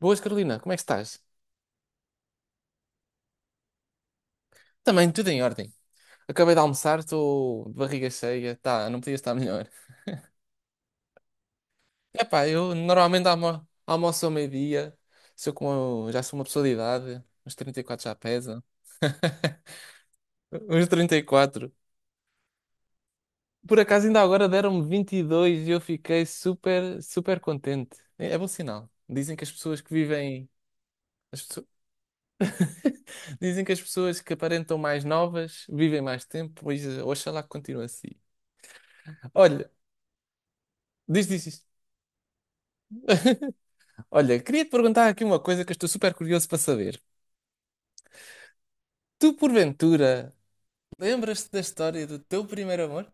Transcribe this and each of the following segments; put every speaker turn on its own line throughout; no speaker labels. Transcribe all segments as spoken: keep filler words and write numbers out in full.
Boas, Carolina, como é que estás? Também tudo em ordem. Acabei de almoçar, estou de barriga cheia, tá, não podia estar melhor. Epá, eu normalmente almo almoço ao meio-dia, sou como, já sou uma pessoa de idade, uns trinta e quatro já pesa, uns trinta e quatro. Por acaso ainda agora deram-me vinte e dois e eu fiquei super, super contente. É, é bom sinal. Dizem que as pessoas que vivem, as pessoas- dizem que as pessoas que aparentam mais novas vivem mais tempo, pois eh, oxalá que continue assim. Olha, diz, diz, diz. Olha, queria-te perguntar aqui uma coisa que eu estou super curioso para saber. Tu, porventura, lembras-te da história do teu primeiro amor?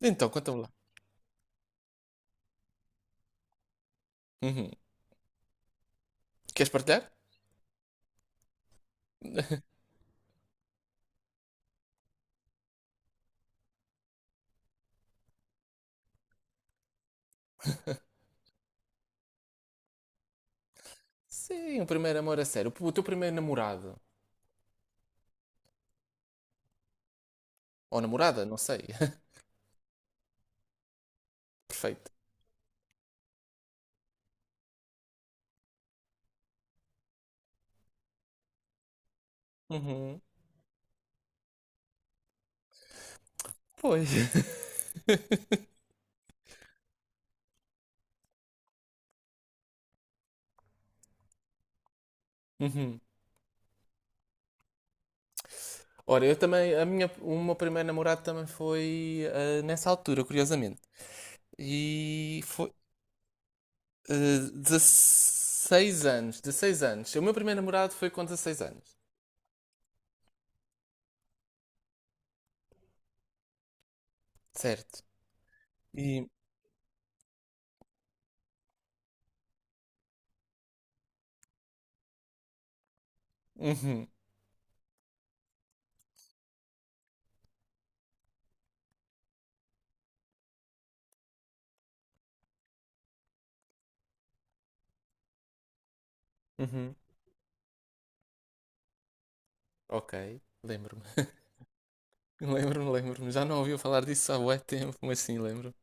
Então, conta-me lá. Uhum. Queres partilhar? Sim, o primeiro amor a sério. O teu primeiro namorado. Ou namorada, não sei. Perfeito. Uhum. Pois. Uhum. Ora, eu também, a minha, o meu primeiro namorado também foi ah, nessa altura, curiosamente. E foi ah, dezasseis anos, dezasseis anos. O meu primeiro namorado foi com dezasseis anos, certo? E uhum, uhum. Ok, lembro-me. Lembro-me, lembro-me. Já não ouviu falar disso há bué tempo, mas sim, lembro.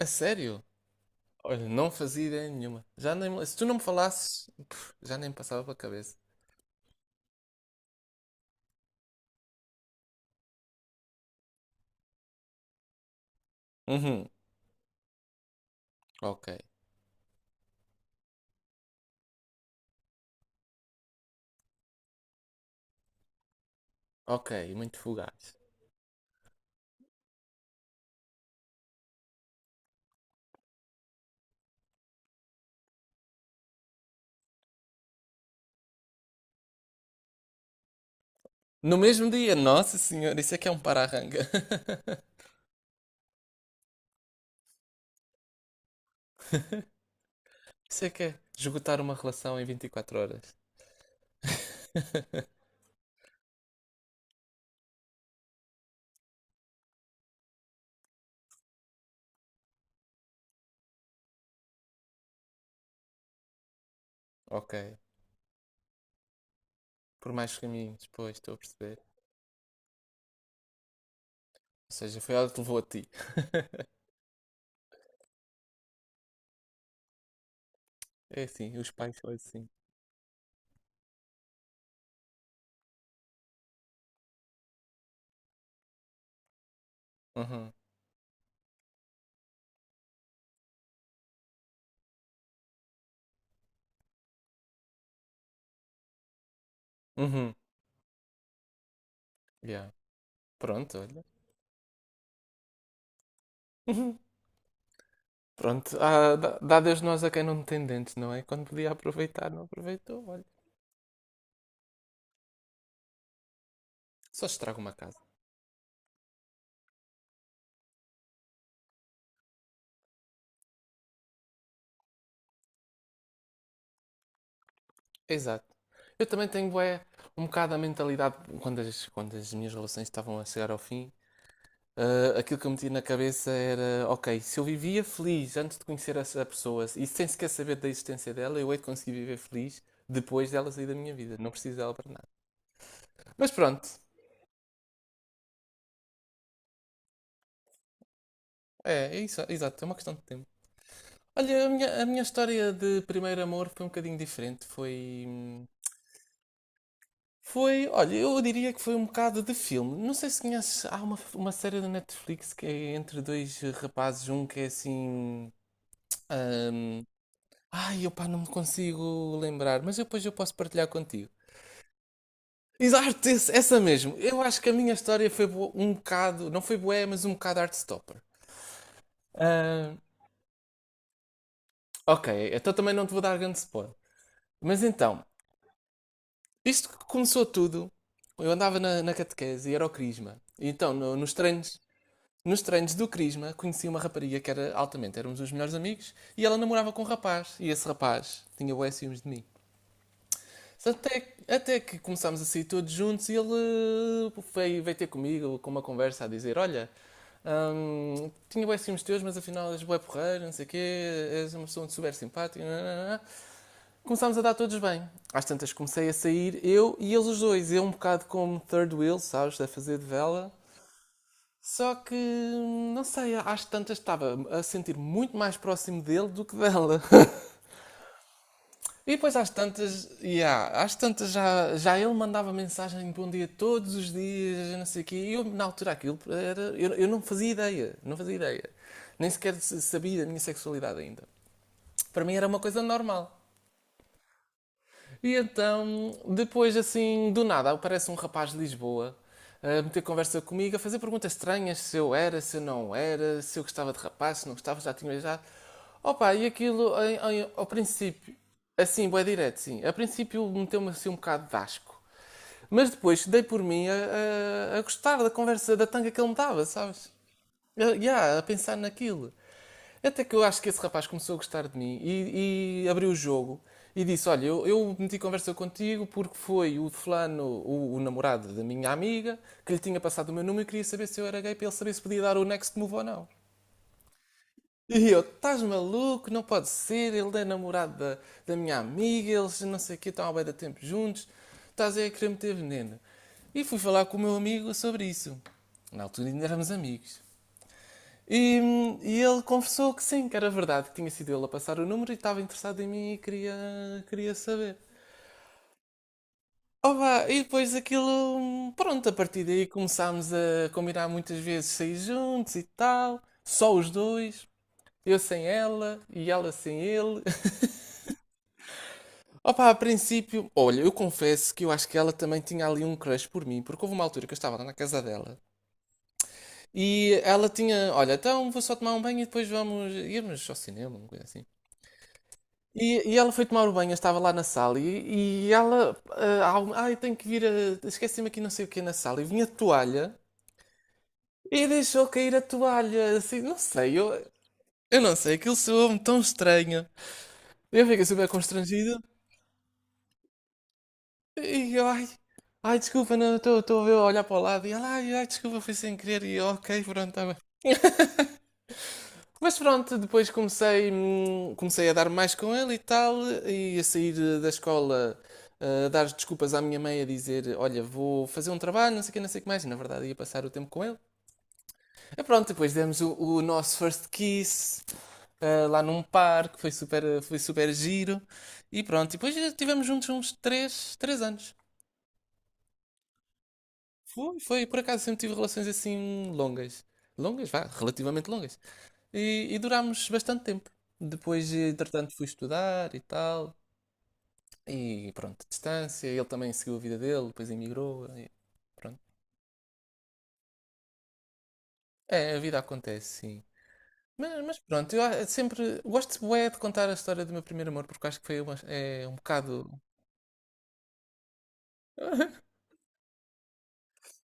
A sério? Olha, não fazia ideia nenhuma. Já nem, me- Se tu não me falasses, pff, já nem me passava pela cabeça. Uhum, ok, ok, muito fugaz. No mesmo dia, nossa senhora, isso é que é um para-arranca. Isso é que é esgotar uma relação em vinte e quatro horas. Ok, por mais caminhos, pois, estou a perceber. Ou seja, foi ela que te levou a ti. É assim, os pais são assim. Uhum. Uhum. Yeah. Pronto, olha. Uhum. Pronto, ah, dá, dá Deus nós a quem não tem dentes, não é? Quando podia aproveitar, não aproveitou, olha. Só estraga uma casa. Exato. Eu também tenho, bué, um bocado a mentalidade, quando as, quando as minhas relações estavam a chegar ao fim, ah, aquilo que eu metia na cabeça era, ok, se eu vivia feliz antes de conhecer essa pessoa e sem sequer saber da existência dela, eu hei de conseguir viver feliz depois dela sair da minha vida. Não preciso dela para nada. Mas pronto, é, é isso, exato, é uma questão de tempo. Olha, a minha, a minha história de primeiro amor foi um bocadinho diferente. Foi. Foi. Olha, eu diria que foi um bocado de filme. Não sei se conheces. Há uma, uma série da Netflix que é entre dois rapazes. Um que é assim. ahm, Ai, opá, não me consigo lembrar. Mas depois eu posso partilhar contigo. Exato, esse- essa mesmo. Eu acho que a minha história foi bo- um bocado. Não foi bué, mas um bocado Heartstopper. Ah, ok, então também não te vou dar grande spoiler. Mas então. Isto que começou tudo. Eu andava na, na catequese e era o Crisma. E então, no- nos treinos, nos treinos do Crisma, conheci uma rapariga que era altamente, éramos os melhores amigos, e ela namorava com um rapaz, e esse rapaz tinha bué ciúmes de mim. Até, até que começámos a sair todos juntos e ele eh, veio, veio ter comigo com uma conversa a dizer: "Olha, hum, tinha bué ciúmes teus, mas afinal és bué porreiro, não sei o quê, és uma pessoa super simpática, nananana." Começámos a dar todos bem. Às tantas comecei a sair eu e eles os dois. Eu um bocado como third wheel, sabes, a fazer de vela. Só que, não sei, às tantas estava a sentir muito mais próximo dele do que dela. E depois às tantas, yeah, às tantas já, já ele mandava mensagem de bom dia todos os dias, não sei o quê. E eu, na altura, aquilo era... Eu, eu não fazia ideia, não fazia ideia. Nem sequer sabia da minha sexualidade ainda. Para mim era uma coisa normal. E então, depois assim, do nada, aparece um rapaz de Lisboa a meter conversa comigo, a fazer perguntas estranhas, se eu era, se eu não era, se eu gostava de rapaz, se não gostava, já tinha beijado. Opa, e aquilo, em- em- ao princípio, assim, bué direto, sim. A princípio meteu-me assim um bocado de asco. Mas depois dei por mim a, a- a gostar da conversa, da tanga que ele me dava, sabes? Eu, yeah, a pensar naquilo. Até que eu acho que esse rapaz começou a gostar de mim e, e abriu o jogo e disse: "Olha, eu, eu meti conversa contigo porque foi o fulano, o, o namorado da minha amiga, que lhe tinha passado o meu número e queria saber se eu era gay para ele saber se podia dar o next move ou não." E eu, estás maluco? Não pode ser. Ele é namorado da, da minha amiga, eles não sei o quê, estão há bué de tempo juntos. Estás aí a querer meter veneno. E fui falar com o meu amigo sobre isso. Na altura ainda éramos amigos. E, e ele confessou que sim, que era verdade, que tinha sido ele a passar o número e estava interessado em mim e queria, queria saber. Opa, e depois aquilo, pronto, a partir daí começámos a combinar muitas vezes sair juntos e tal, só os dois, eu sem ela e ela sem ele. Opa, a princípio, olha, eu confesso que eu acho que ela também tinha ali um crush por mim, porque houve uma altura que eu estava lá na casa dela e ela tinha, olha, então vou só tomar um banho e depois vamos irmos ao cinema, uma coisa assim. E, e ela foi tomar o banho, eu estava lá na sala e, e ela. Ah, há um- "Ah, eu tenho que vir a. Esqueci-me aqui não sei o que na sala." E vinha a toalha e deixou cair a toalha. Assim, não sei, eu, eu não sei, aquilo soou-me tão estranho. Eu fiquei super constrangido e eu, ai, ai, desculpa, não, estou estou a ver- a olhar para o lado. E ela, ai, ai, desculpa, foi sem querer. E eu, ok, pronto, está. Mas pronto, depois comecei, hum, comecei a dar mais com ele e tal, e a sair eh, da escola, ah, a dar desculpas à minha mãe, a dizer: "Olha, vou fazer um trabalho, não sei o que, não sei o que mais." E, na verdade, ia passar o tempo com ele. E pronto, depois demos o, o nosso first kiss ah, lá num parque, foi super, foi super giro. E pronto, e depois estivemos juntos uns três três anos. Foi, foi, por acaso sempre tive relações assim longas. Longas, vá, relativamente longas. E, e durámos bastante tempo. Depois, entretanto, fui estudar e tal. E pronto, distância. Ele também seguiu a vida dele, depois emigrou, e pronto. É, a vida acontece, sim. Mas, mas pronto, eu a- sempre gosto bué de contar a história do meu primeiro amor, porque acho que foi uma- é um bocado.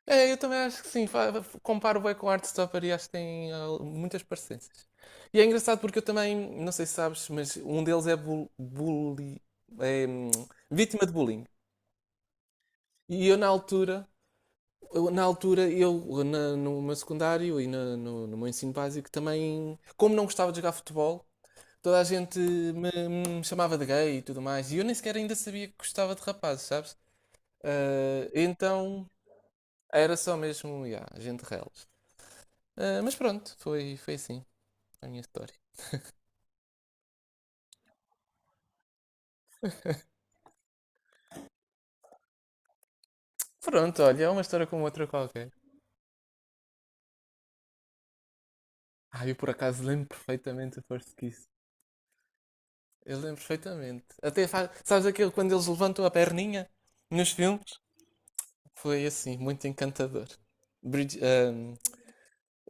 É, eu também acho que sim. Fa- Comparo bem com o Heartstopper e acho que tem ah, muitas parecências. E é engraçado porque eu também, não sei se sabes, mas um deles é, bul bully, é hum, vítima de bullying. E eu na altura, eu, na altura, eu na- no meu secundário e na- no, no meu ensino básico também, como não gostava de jogar futebol, toda a gente me, me chamava de gay e tudo mais. E eu nem sequer ainda sabia que gostava de rapazes, sabes? Ah, então era só mesmo, yeah, gente reles. Ah, mas pronto, foi, foi assim a minha história. Pronto, olha, é uma história como outra qualquer. Ah, eu por acaso lembro perfeitamente do first kiss. Eu lembro perfeitamente. Até faz... Sabes aquele quando eles levantam a perninha nos filmes? Foi assim, muito encantador. Brid... ahm,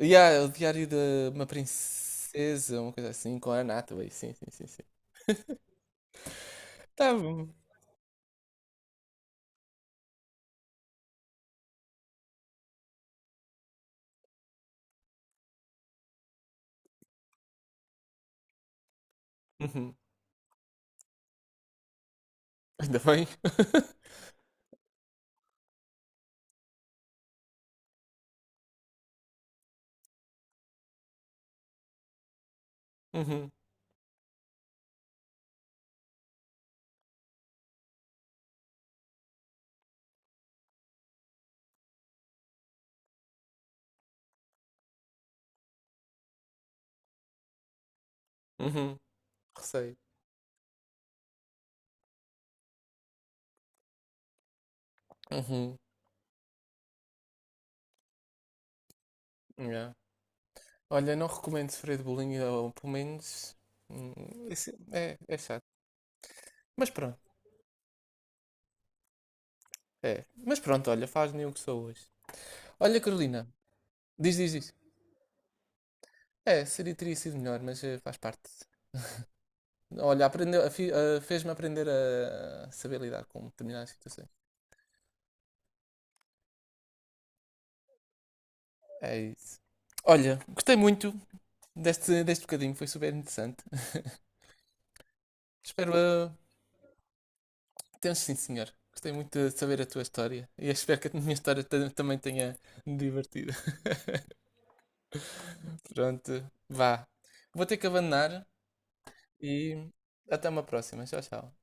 yeah, é o Diário de uma Princesa, uma coisa assim, com a Anne Hathaway. Sim, sim, sim, sim. Tá bom. Uhum. Ainda bem. uhum. Uhum. Receio. Uhum. Yeah. Olha, não recomendo sofrer de bullying, ou pelo menos. hum, esse- É, é chato. Mas pronto, é. Mas pronto, olha, faz-me o que sou hoje. Olha, Carolina, diz, diz, diz. É, seria, teria sido melhor, mas eh, faz parte. Olha, aprendeu, a fi- a- fez-me aprender a saber lidar com determinadas situações. É isso. Olha, gostei muito deste, deste bocadinho, foi super interessante. Espero. eh, Temos sim, senhor. Gostei muito de saber a tua história e espero que a minha história ta- também tenha divertido. Pronto, vá. Vou ter que abandonar e até uma próxima. Tchau, tchau.